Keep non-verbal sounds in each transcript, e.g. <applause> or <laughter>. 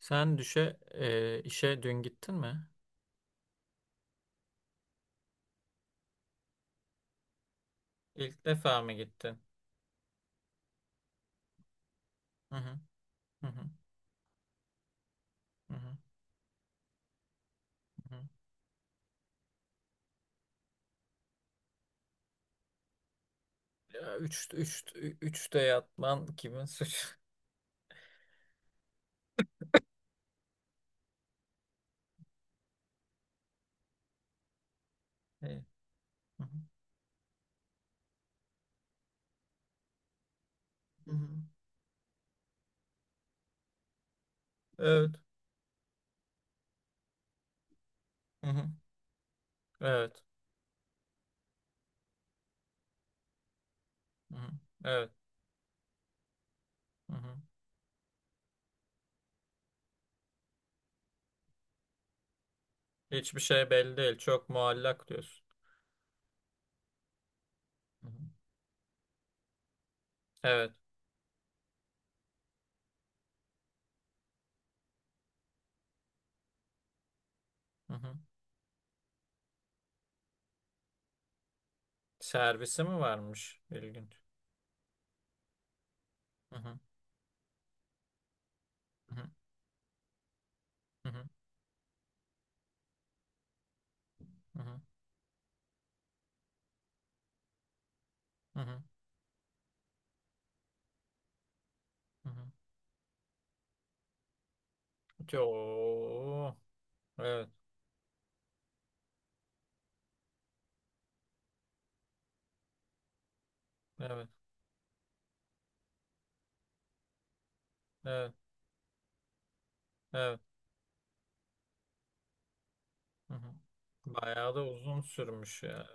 Sen işe dün gittin mi? İlk defa mı gittin? Hı hı. Hı hı. Hı hı. Hı hı. Ya üçte yatman kimin suçu? <laughs> Evet. Hı hı. Hı hı. Evet. Hı hı. Evet. Hı hı. Evet. Hı hı. Hiçbir şey belli değil. Çok muallak diyorsun. Hı hı. Evet. Hı hı. Servisi mi varmış? İlginç. Hı hı. Hı hı. Hı hı. Hı hı. Hı hı. Hı hı. Yo. Evet. Evet. Evet. Evet. Hı hı. Bayağı da uzun sürmüş ya.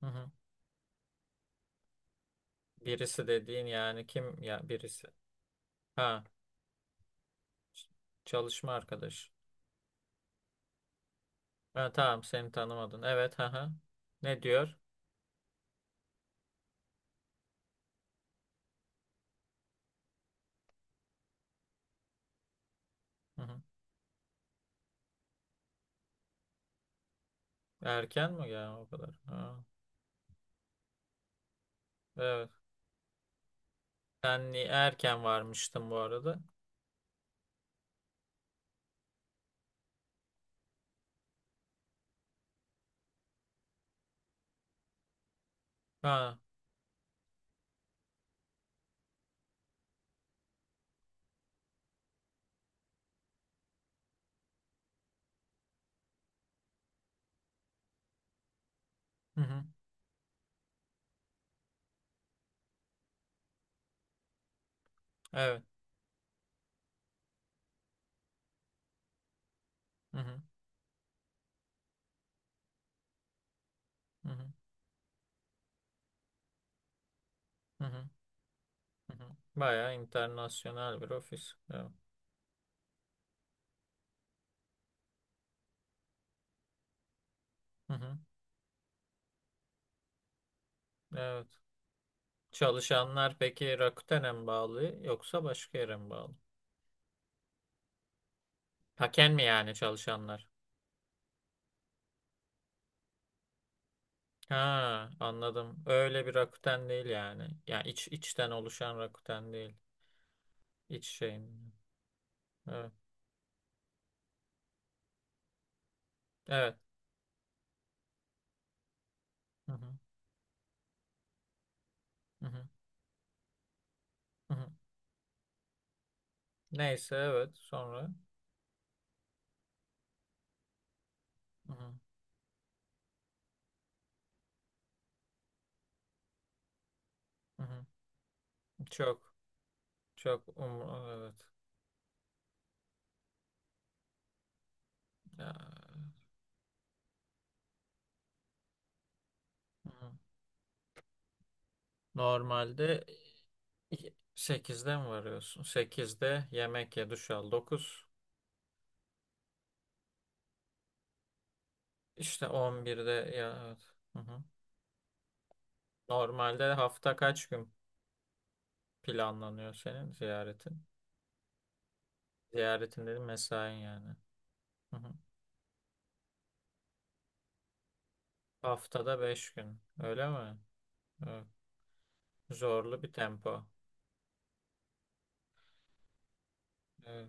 Hı hı. Birisi dediğin yani kim ya birisi? Ha, ç- çalışma arkadaş. Ha, tamam seni tanımadın. Evet, ha ha. Ne diyor? Hı hı. Erken mi ya o kadar? Ha. Evet. Sen erken varmıştın bu arada. Ha. Hı hı. Evet. Hı hı. Hı hı. Hı hı. Hı hı. Bayağı internasyonel bir ofis. Evet. Hı hı. Evet. Çalışanlar peki Rakuten'e mi bağlı yoksa başka yere mi bağlı? Haken mi yani çalışanlar? Ha, anladım. Öyle bir Rakuten değil yani. Yani iç içten oluşan Rakuten değil. İç şeyin. Evet. Evet. Hı hı. Hı hı. Hı hı. Neyse evet sonra. Hı hı. Hı hı. Çok çok evet. Ya. Hı hı. Normalde 8'de mi varıyorsun? Sekizde yemek ye, duş al. Dokuz. İşte 11'de ya evet. Hı hı. Normalde hafta kaç gün planlanıyor senin ziyaretin? Ziyaretin dedim mesain yani. Hı hı. Haftada 5 gün. Öyle mi? Evet. Zorlu bir tempo. Evet.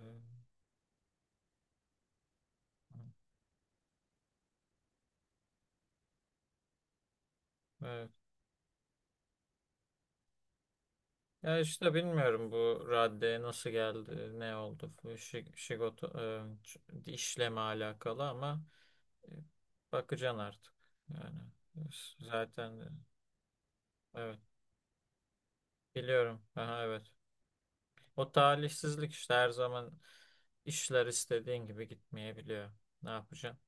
Evet. Ya işte bilmiyorum bu raddeye nasıl geldi, ne oldu. Bu şigoto, işleme alakalı ama e, bakacaksın artık. Yani zaten evet biliyorum. Aha, evet. O talihsizlik işte her zaman işler istediğin gibi gitmeyebiliyor. Ne yapacaksın?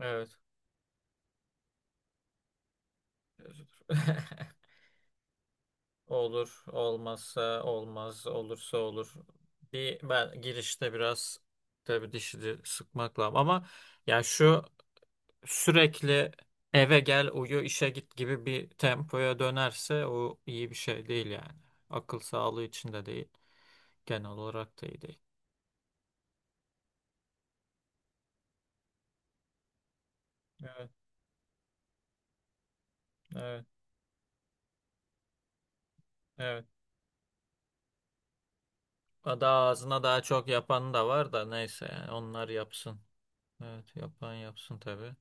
Evet. <laughs> Olur, olmazsa olmaz, olursa olur. Bir ben girişte biraz tabii dişini sıkmakla ama ya şu sürekli eve gel uyu işe git gibi bir tempoya dönerse o iyi bir şey değil yani. Akıl sağlığı için de değil, genel olarak da iyi değil. Evet, evet, evet. Daha ağzına daha çok yapan da var da neyse yani onlar yapsın. Evet, yapan yapsın tabii.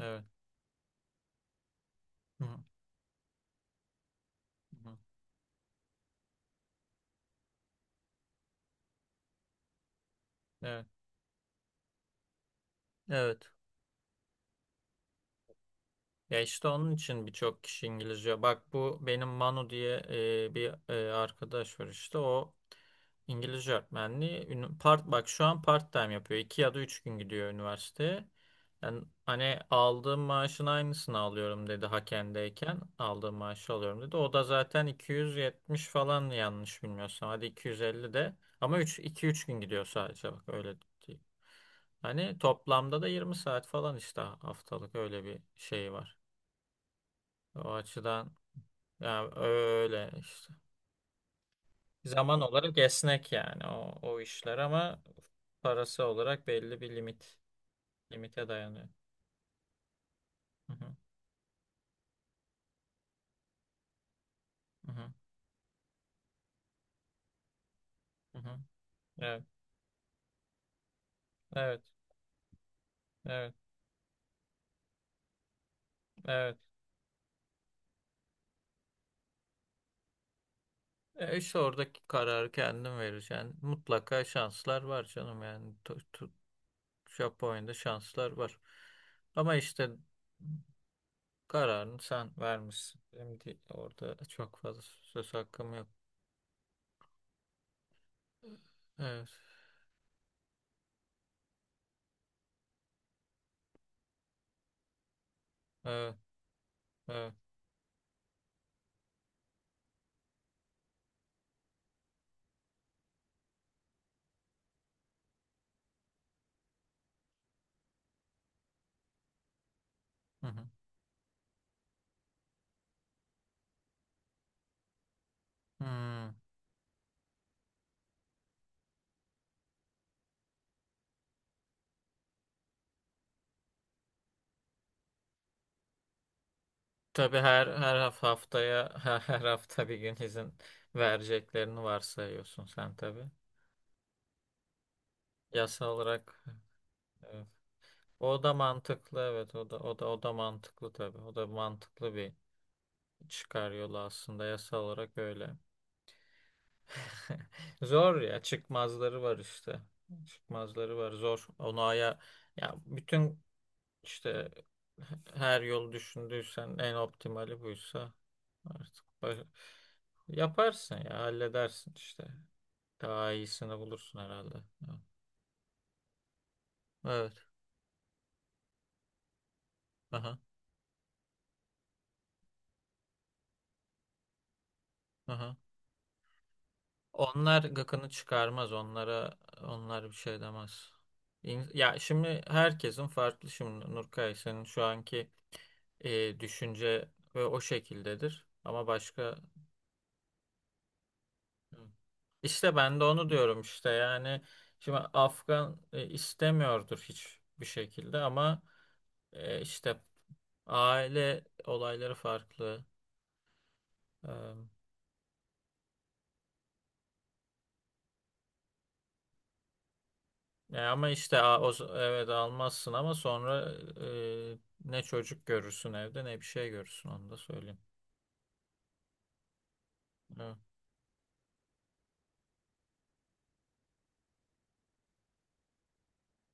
Evet. Hı hı. Evet. Evet. Ya işte onun için birçok kişi İngilizce. Bak bu benim Manu diye bir arkadaş var işte o İngilizce öğretmenliği. Part, bak şu an part time yapıyor. İki ya da üç gün gidiyor üniversiteye. Yani hani aldığım maaşın aynısını alıyorum dedi Haken'deyken. Aldığım maaşı alıyorum dedi. O da zaten 270 falan yanlış bilmiyorsam. Hadi 250 de. Ama üç gün gidiyor sadece bak öyle diyeyim. Hani toplamda da 20 saat falan işte haftalık öyle bir şey var. O açıdan yani öyle işte. Zaman olarak esnek yani o, o işler ama parası olarak belli bir limite dayanıyor. Hı hı, hı hı, hı hı. Evet, evet, evet, evet. E işte oradaki kararı kendin vereceksin. Mutlaka şanslar var canım yani. Japonya'da şanslar var. Ama işte kararını sen vermişsin. Benim de orada çok fazla söz hakkım yok. Evet, evet, evet. Hı hı. Hmm. Tabii her haftaya <laughs> her hafta bir gün izin vereceklerini varsayıyorsun sen tabii. Yasal olarak evet. O da mantıklı evet o da mantıklı tabii. O da mantıklı bir çıkar yolu aslında yasal olarak öyle. <laughs> Zor ya çıkmazları var işte. Çıkmazları var zor. Onu ya bütün. İşte her yol düşündüysen en optimali buysa artık yaparsın ya halledersin işte. Daha iyisini bulursun herhalde. Evet. Aha, aha. Onlar gıkını çıkarmaz. Onlar bir şey demez. Ya şimdi herkesin farklı şimdi Nurkay senin şu anki düşünce ve o şekildedir. Ama başka. Hı. İşte ben de onu diyorum işte yani şimdi Afgan istemiyordur hiçbir şekilde ama işte aile olayları farklı. E, ama işte evet almazsın ama sonra e, ne çocuk görürsün evde ne bir şey görürsün onu da söyleyeyim. Evet,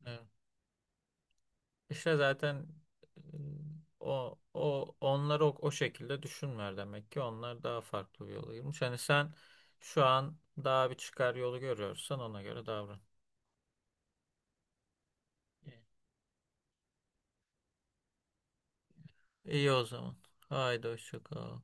evet. İşte zaten e, o o onları o şekilde düşünmüyor demek ki onlar daha farklı bir yola girmiş. Hani sen şu an daha bir çıkar yolu görüyorsan ona göre davran. İyi o zaman. Haydi hoşça kal.